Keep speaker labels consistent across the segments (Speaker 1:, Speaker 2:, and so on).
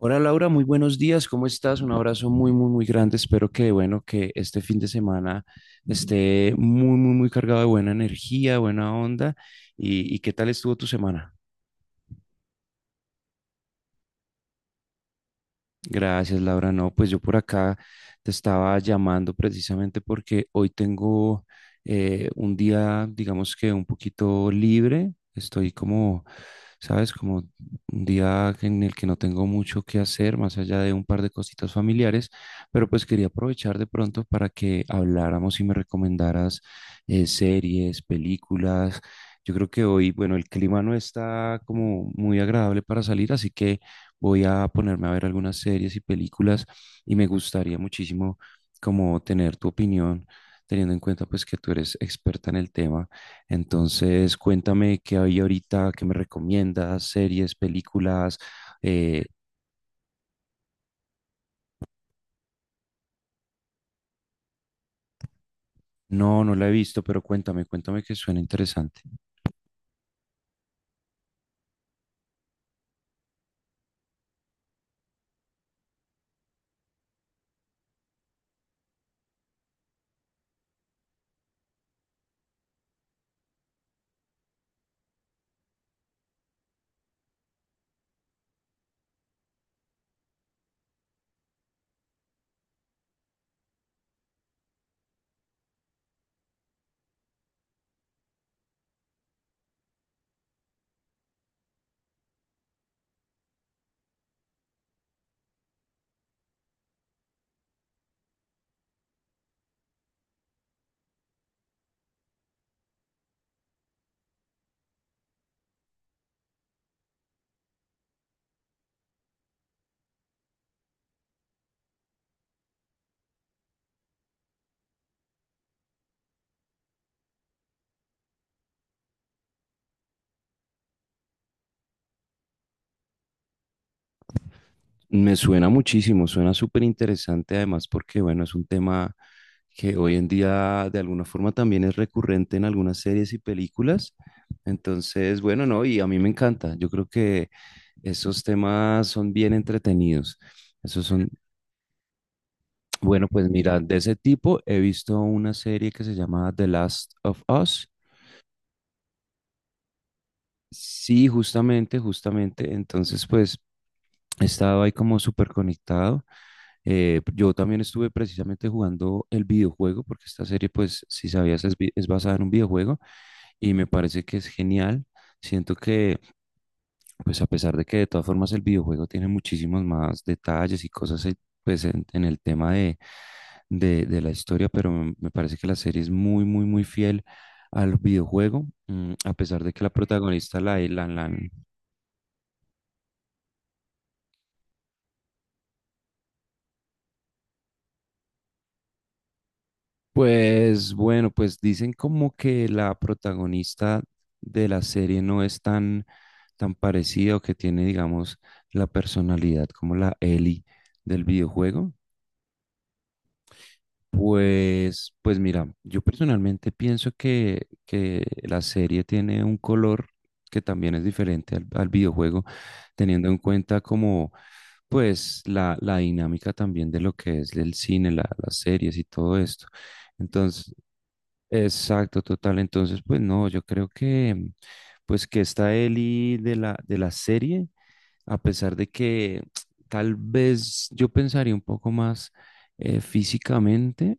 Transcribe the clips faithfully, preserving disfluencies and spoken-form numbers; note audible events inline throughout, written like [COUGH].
Speaker 1: Hola Laura, muy buenos días, ¿cómo estás? Un abrazo muy, muy, muy grande. Espero que, bueno, que este fin de semana esté muy, muy, muy cargado de buena energía, buena onda. ¿Y, y qué tal estuvo tu semana? Gracias, Laura. No, pues yo por acá te estaba llamando precisamente porque hoy tengo eh, un día, digamos que un poquito libre. Estoy como, sabes, como un día en el que no tengo mucho que hacer, más allá de un par de cositas familiares, pero pues quería aprovechar de pronto para que habláramos y me recomendaras eh, series, películas. Yo creo que hoy, bueno, el clima no está como muy agradable para salir, así que voy a ponerme a ver algunas series y películas y me gustaría muchísimo como tener tu opinión, teniendo en cuenta pues que tú eres experta en el tema. Entonces, cuéntame qué hay ahorita, qué me recomiendas, series, películas. Eh, no, no la he visto, pero cuéntame, cuéntame que suena interesante. Me suena muchísimo, suena súper interesante además porque, bueno, es un tema que hoy en día de alguna forma también es recurrente en algunas series y películas. Entonces, bueno, no, y a mí me encanta. Yo creo que esos temas son bien entretenidos. Esos son, bueno, pues mira, de ese tipo he visto una serie que se llama The Last of Us. Sí, justamente, justamente. Entonces, pues he estado ahí como súper conectado. Eh, yo también estuve precisamente jugando el videojuego, porque esta serie, pues, si sabías, es, vi- es basada en un videojuego y me parece que es genial. Siento que, pues, a pesar de que de todas formas el videojuego tiene muchísimos más detalles y cosas, eh, pues, en, en el tema de, de, de la historia, pero me me parece que la serie es muy, muy, muy fiel al videojuego, mm, a pesar de que la protagonista, la, la, la, Pues bueno, pues dicen como que la protagonista de la serie no es tan, tan parecida o que tiene, digamos, la personalidad como la Ellie del videojuego. Pues, pues mira, yo personalmente pienso que, que la serie tiene un color que también es diferente al, al videojuego, teniendo en cuenta como pues la, la dinámica también de lo que es el cine, la- las series y todo esto. Entonces, exacto, total. Entonces, pues no, yo creo que pues que esta Eli de la de la serie, a pesar de que [TSK] tal vez yo pensaría un poco más eh, físicamente,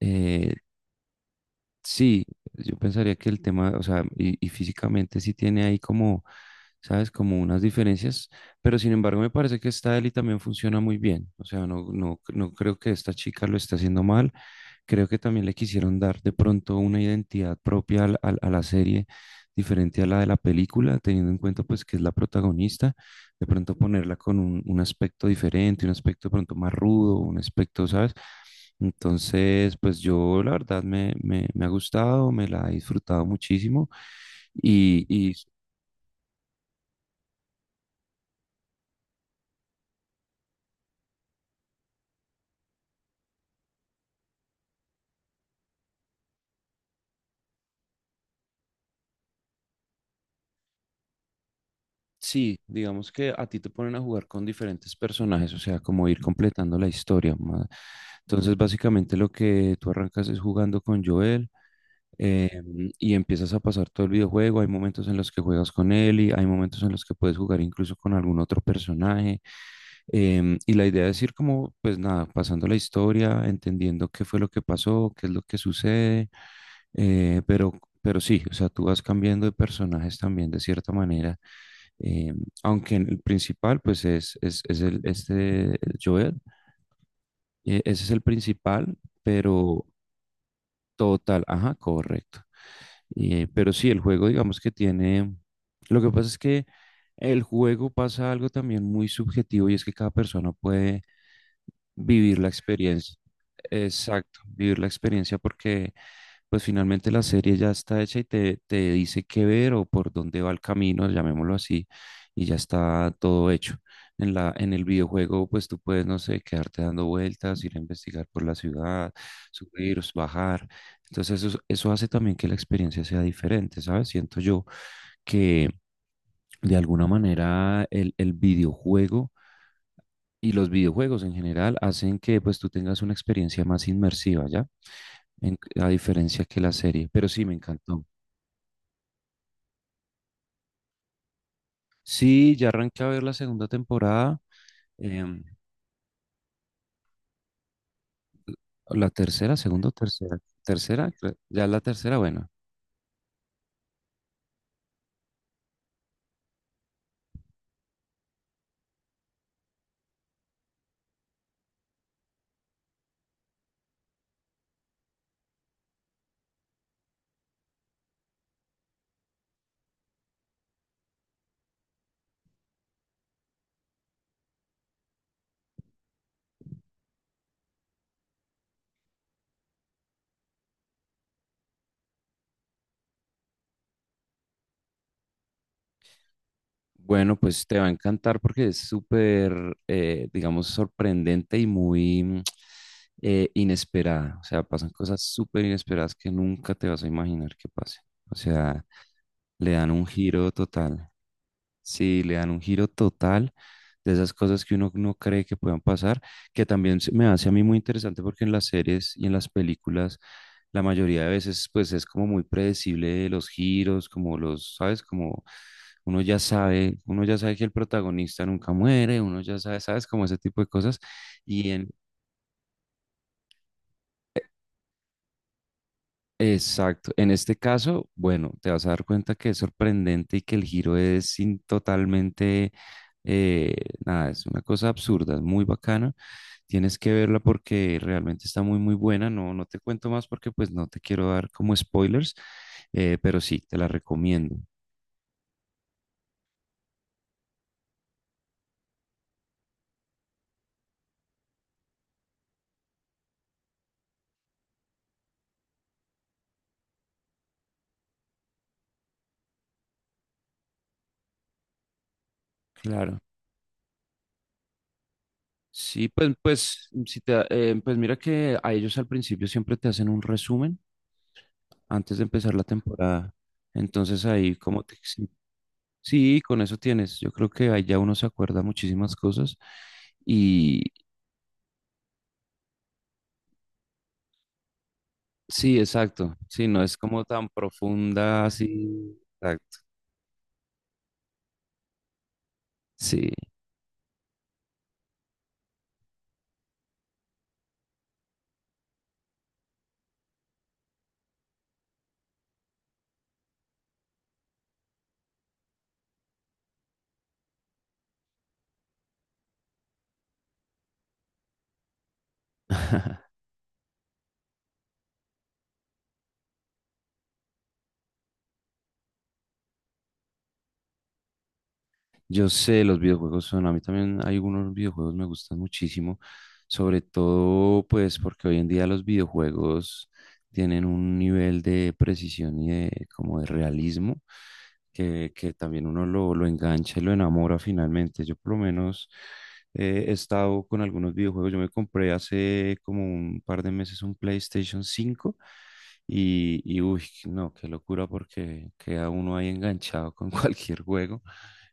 Speaker 1: eh, sí, yo pensaría que el tema, o sea, y, y físicamente sí tiene ahí como, ¿sabes? Como unas diferencias, pero sin embargo me parece que esta Eli también funciona muy bien, o sea, no, no, no creo que esta chica lo esté haciendo mal, creo que también le quisieron dar de pronto una identidad propia al- al- a la serie, diferente a la de la película, teniendo en cuenta pues que es la protagonista de pronto ponerla con un, un aspecto diferente, un aspecto de pronto más rudo, un aspecto, ¿sabes? Entonces, pues yo la verdad me, me, me ha gustado, me la he disfrutado muchísimo y, y Sí, digamos que a ti te ponen a jugar con diferentes personajes, o sea, como ir completando la historia. ma- Entonces, básicamente lo que tú arrancas es jugando con Joel eh, y empiezas a pasar todo el videojuego. Hay momentos en los que juegas con él y hay momentos en los que puedes jugar incluso con algún otro personaje. Em, y la idea es ir como, pues nada, pasando la historia, entendiendo qué fue lo que pasó, qué es lo que sucede, eh, pero, pero sí, o sea, tú vas cambiando de personajes también de cierta manera eh, aunque el principal, pues es, es, es el, este el Joel, eh, ese es el principal, pero total, ajá, correcto. Eh, pero sí, el juego, digamos que tiene, lo que pasa es que el juego pasa algo también muy subjetivo y es que cada persona puede vivir la experiencia. Exacto, vivir la experiencia porque pues finalmente la serie ya está hecha y te, te dice qué ver o por dónde va el camino, llamémoslo así, y ya está todo hecho. En la, en el videojuego, pues tú puedes, no sé, quedarte dando vueltas, ir a investigar por la ciudad, subir, bajar. Entonces eso, eso hace también que la experiencia sea diferente, ¿sabes? Siento yo que de alguna manera el, el videojuego y los videojuegos en general hacen que pues tú tengas una experiencia más inmersiva, ¿ya? En- a diferencia que la serie. Pero sí, me encantó. Sí, ya arranqué a ver la segunda temporada, em, o la tercera, segunda o tercera, tercera, cre- ya la tercera, bueno. Bueno, pues te va a encantar porque es súper, eh, digamos, sorprendente y muy mm, eh, inesperada. O sea, pasan cosas súper inesperadas que nunca te vas a imaginar que pasen. O sea, le dan un giro total. Sí, le dan un giro total de esas cosas que uno no cree que puedan pasar, que también se- me hace a mí muy interesante porque en las series y en las películas la mayoría de veces pues es como muy predecible los giros, como los, ¿sabes? Como uno ya sabe, uno ya sabe que el protagonista nunca muere, uno ya sabe, ¿sabes? Como ese tipo de cosas. Y en, exacto, en este caso, bueno, te vas a dar cuenta que es sorprendente y que el giro es sin, totalmente... eh, nada, es una cosa absurda, es muy bacana. Tienes que verla porque realmente está muy muy buena. No, no te cuento más porque pues no te quiero dar como spoilers, eh, pero sí, te la recomiendo. Claro. Sí, pues, pues, si te, da- eh, pues mira que a ellos al principio siempre te hacen un resumen antes de empezar la temporada. Entonces ahí como te... Sí, sí, con eso tienes. Yo creo que ahí ya uno se acuerda muchísimas cosas. Y sí, exacto. Sí, no es como tan profunda así. Exacto. Sí. [LAUGHS] Yo sé, los videojuegos son, a mí también hay algunos videojuegos me gustan muchísimo, sobre todo pues porque hoy en día los videojuegos tienen un nivel de precisión y de como de realismo que, que también uno lo, lo engancha y lo enamora finalmente. Yo por lo menos eh, he estado con algunos videojuegos, yo me compré hace como un par de meses un PlayStation cinco y, y uy, no, qué locura porque queda uno ahí enganchado con [LAUGHS] cualquier juego.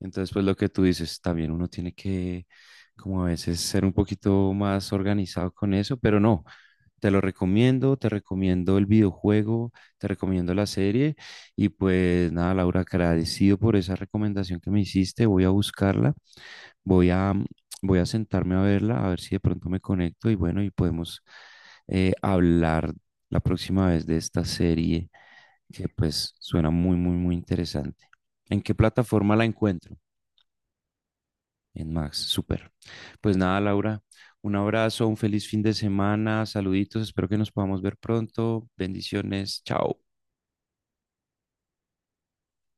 Speaker 1: Entonces, pues lo que tú dices, también uno tiene que, como a veces, ser un poquito más organizado con eso, pero no, te lo recomiendo, te recomiendo el videojuego, te recomiendo la serie. Y pues nada, Laura, agradecido por esa recomendación que me hiciste, voy a buscarla. Voy a, voy a sentarme a verla, a ver si de pronto me conecto y bueno, y podemos eh, hablar la próxima vez de esta serie que pues suena muy, muy, muy interesante. ¿En qué plataforma la encuentro? En Max, súper. Pues nada, Laura, un abrazo, un feliz fin de semana, saluditos, espero que nos podamos ver pronto. Bendiciones, chao.